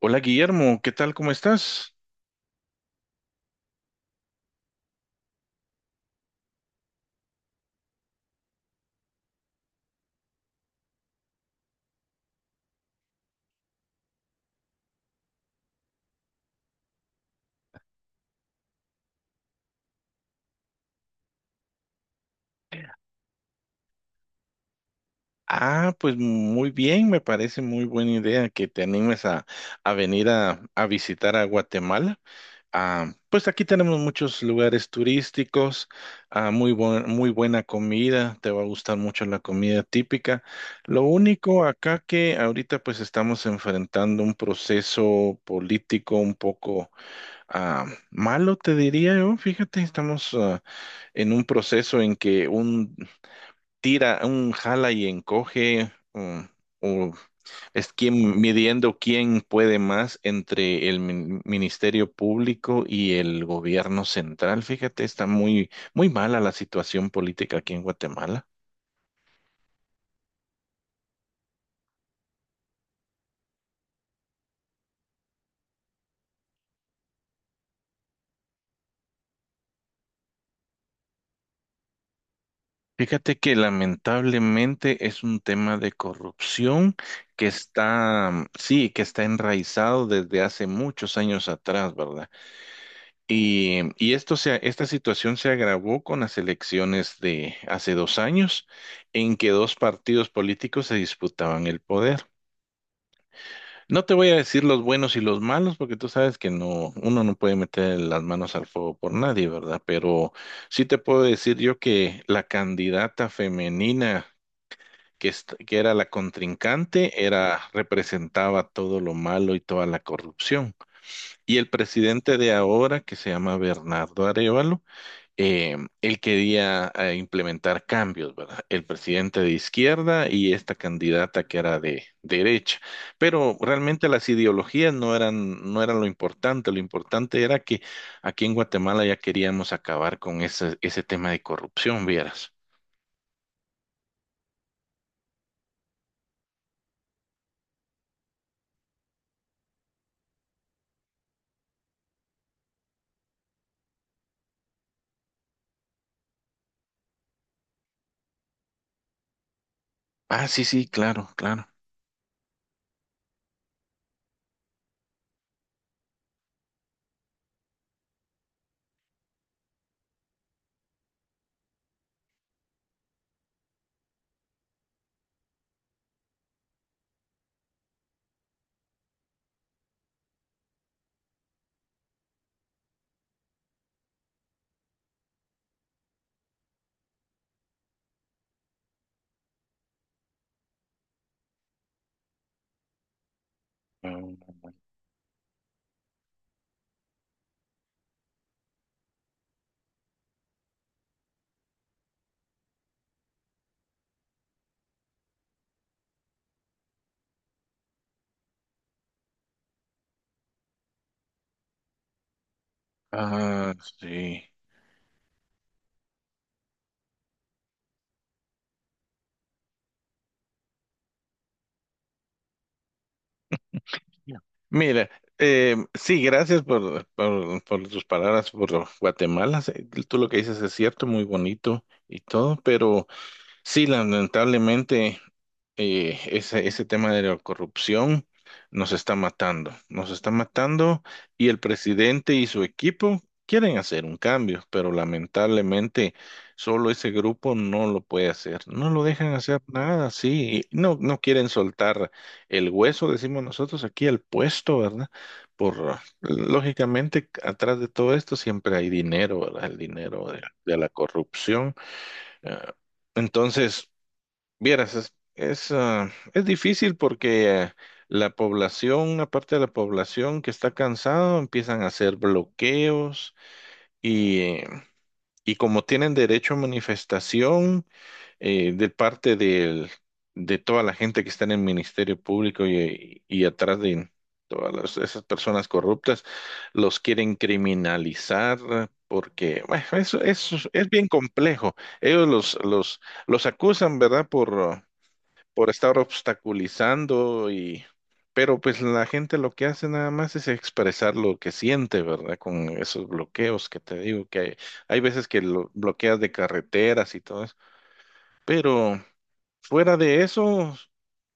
Hola Guillermo, ¿qué tal? ¿Cómo estás? Ah, pues muy bien, me parece muy buena idea que te animes a venir a visitar a Guatemala. Ah, pues aquí tenemos muchos lugares turísticos, muy buena comida, te va a gustar mucho la comida típica. Lo único acá que ahorita pues estamos enfrentando un proceso político un poco ah, malo, te diría yo. Fíjate, estamos en un proceso en que un tira, un jala y encoge, o es quien midiendo quién puede más entre el Ministerio Público y el gobierno central. Fíjate, está muy, muy mala la situación política aquí en Guatemala. Fíjate que lamentablemente es un tema de corrupción que está, sí, que está enraizado desde hace muchos años atrás, ¿verdad? Y esta situación se agravó con las elecciones de hace 2 años, en que dos partidos políticos se disputaban el poder. No te voy a decir los buenos y los malos, porque tú sabes que no, uno no puede meter las manos al fuego por nadie, ¿verdad? Pero sí te puedo decir yo que la candidata femenina que era la contrincante representaba todo lo malo y toda la corrupción. Y el presidente de ahora, que se llama Bernardo Arevalo, él quería implementar cambios, ¿verdad? El presidente de izquierda y esta candidata que era de derecha. Pero realmente las ideologías no eran lo importante. Lo importante era que aquí en Guatemala ya queríamos acabar con ese tema de corrupción, vieras. Ah, sí, sí, claro, claro. Ah, sí. Mira, sí, gracias por tus palabras por Guatemala. Sí, tú lo que dices es cierto, muy bonito y todo, pero sí, lamentablemente ese tema de la corrupción nos está matando y el presidente y su equipo quieren hacer un cambio, pero lamentablemente solo ese grupo no lo puede hacer, no lo dejan hacer nada, sí, y no, no quieren soltar el hueso, decimos nosotros aquí, el puesto, ¿verdad? Lógicamente, atrás de todo esto siempre hay dinero, ¿verdad? El dinero de la corrupción. eh, entonces... Vieras, es difícil porque la población, una parte de la población que está cansado empiezan a hacer bloqueos y, eh, y como tienen derecho a manifestación, de parte del, de toda la gente que está en el Ministerio Público y atrás de todas esas personas corruptas, los quieren criminalizar. Porque, bueno, eso es bien complejo. Ellos los acusan, ¿verdad? Por estar obstaculizando y... Pero pues la gente lo que hace nada más es expresar lo que siente, ¿verdad? Con esos bloqueos que te digo que hay veces que lo bloqueas de carreteras y todo eso. Pero fuera de eso,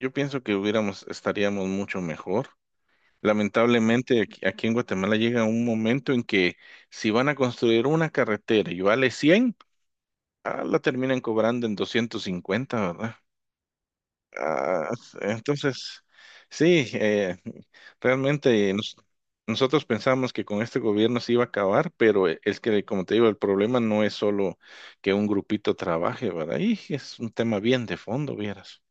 yo pienso que estaríamos mucho mejor. Lamentablemente aquí en Guatemala llega un momento en que si van a construir una carretera y vale 100, la terminan cobrando en 250, ¿verdad? Ah, entonces, sí, realmente nosotros pensamos que con este gobierno se iba a acabar, pero es que, como te digo, el problema no es solo que un grupito trabaje, ¿verdad? Y es un tema bien de fondo, vieras.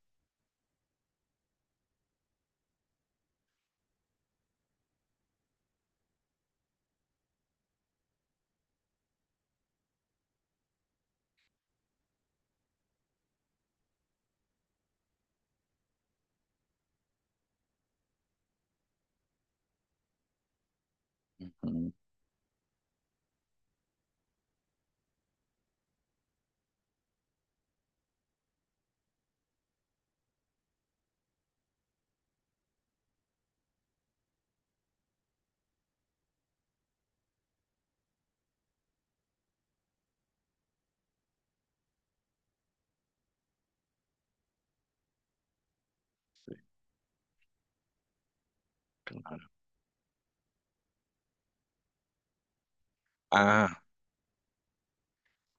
Ujú, sí, claro. Ah.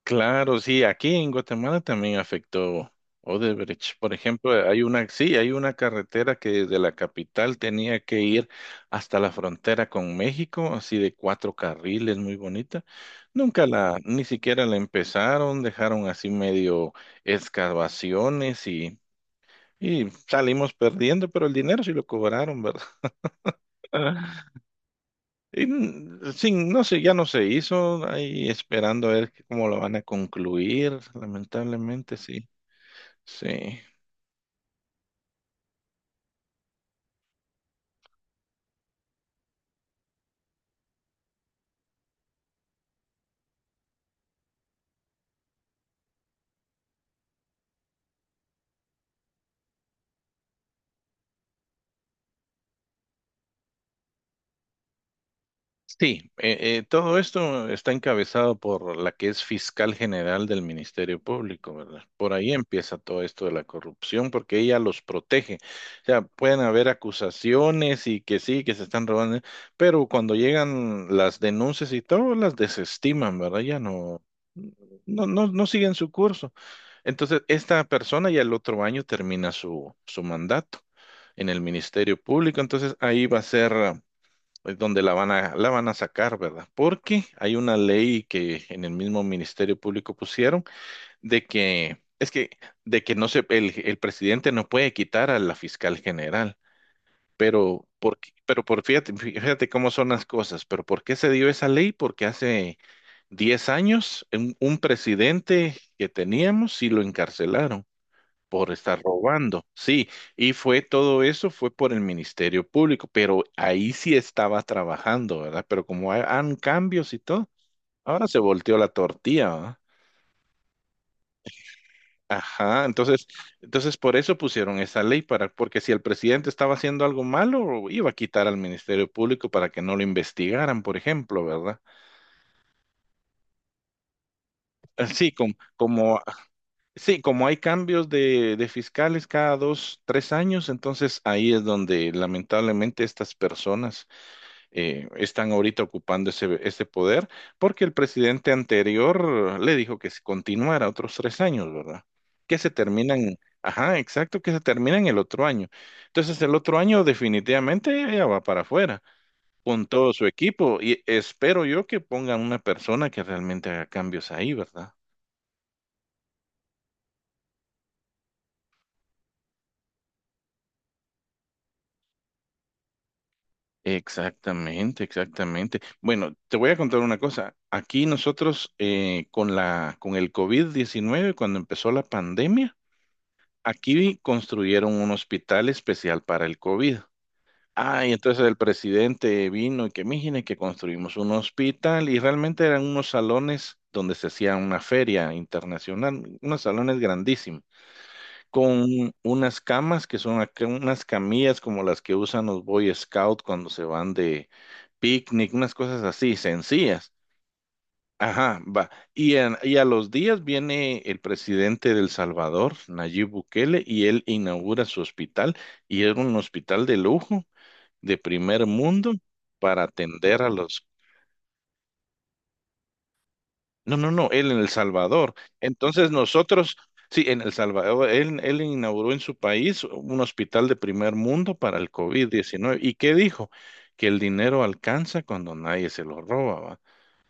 Claro, sí, aquí en Guatemala también afectó Odebrecht. Por ejemplo, hay una, sí, hay una carretera que desde la capital tenía que ir hasta la frontera con México, así de cuatro carriles, muy bonita. Nunca la, Ni siquiera la empezaron, dejaron así medio excavaciones y salimos perdiendo, pero el dinero sí lo cobraron, ¿verdad? Y, sin, no sé, ya no se hizo, ahí esperando a ver cómo lo van a concluir, lamentablemente, sí, sí. Sí, todo esto está encabezado por la que es fiscal general del Ministerio Público, ¿verdad? Por ahí empieza todo esto de la corrupción, porque ella los protege. O sea, pueden haber acusaciones y que sí, que se están robando, pero cuando llegan las denuncias y todo, las desestiman, ¿verdad? Ya no, no, no, no siguen su curso. Entonces, esta persona ya el otro año termina su mandato en el Ministerio Público, entonces ahí va a ser es donde la van a sacar, ¿verdad? Porque hay una ley que en el mismo Ministerio Público pusieron de que, es que, de que no se, el presidente no puede quitar a la fiscal general, pero, ¿por qué? Pero fíjate, fíjate cómo son las cosas, pero ¿por qué se dio esa ley? Porque hace 10 años un presidente que teníamos sí lo encarcelaron por estar robando. Sí, y fue todo eso, fue por el Ministerio Público, pero ahí sí estaba trabajando, ¿verdad? Pero como han cambios y todo, ahora se volteó la tortilla, ¿verdad? Ajá, entonces por eso pusieron esa ley para, porque si el presidente estaba haciendo algo malo, iba a quitar al Ministerio Público para que no lo investigaran, por ejemplo, ¿verdad? Sí, como, sí, como hay cambios de fiscales cada dos, tres años, entonces ahí es donde lamentablemente estas personas están ahorita ocupando ese poder, porque el presidente anterior le dijo que si continuara otros 3 años, ¿verdad? Que se terminan, ajá, exacto, que se terminan el otro año. Entonces el otro año definitivamente ella va para afuera con todo su equipo y espero yo que pongan una persona que realmente haga cambios ahí, ¿verdad? Exactamente, exactamente. Bueno, te voy a contar una cosa. Aquí nosotros con el COVID-19, cuando empezó la pandemia, aquí construyeron un hospital especial para el COVID. Ah, y entonces el presidente vino y que miren que construimos un hospital y realmente eran unos salones donde se hacía una feria internacional, unos salones grandísimos, con unas camas que son acá unas camillas como las que usan los Boy Scouts cuando se van de picnic, unas cosas así sencillas. Ajá, va. Y, y a los días viene el presidente de El Salvador, Nayib Bukele, y él inaugura su hospital, y es un hospital de lujo, de primer mundo, para atender a los... No, no, no, él en El Salvador. Entonces nosotros, sí, en El Salvador, él inauguró en su país un hospital de primer mundo para el COVID-19. ¿Y qué dijo? Que el dinero alcanza cuando nadie se lo roba, ¿va?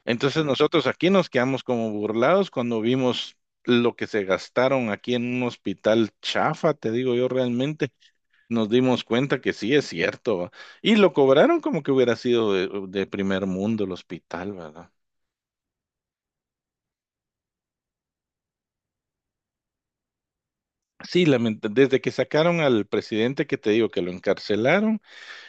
Entonces nosotros aquí nos quedamos como burlados cuando vimos lo que se gastaron aquí en un hospital chafa, te digo yo realmente, nos dimos cuenta que sí es cierto, ¿va? Y lo cobraron como que hubiera sido de primer mundo el hospital, ¿verdad? Sí, desde que sacaron al presidente que te digo que lo encarcelaron.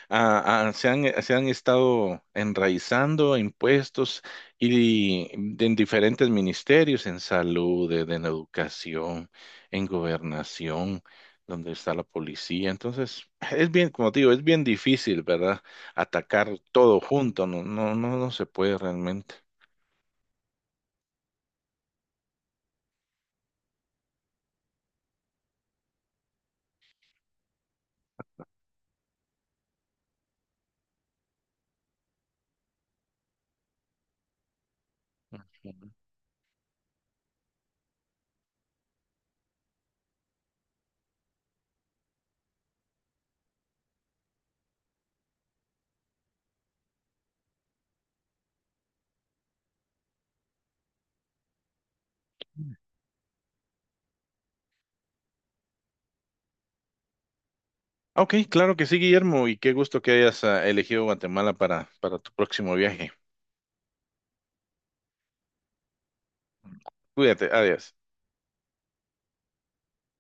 Se han estado enraizando a impuestos y en diferentes ministerios, en salud, en educación, en gobernación, donde está la policía. Entonces, es bien, como te digo, es bien difícil, ¿verdad? Atacar todo junto, no, no, no, no se puede realmente. Ujú. Ok, claro que sí, Guillermo, y qué gusto que hayas elegido Guatemala para tu próximo viaje. Cuídate, adiós.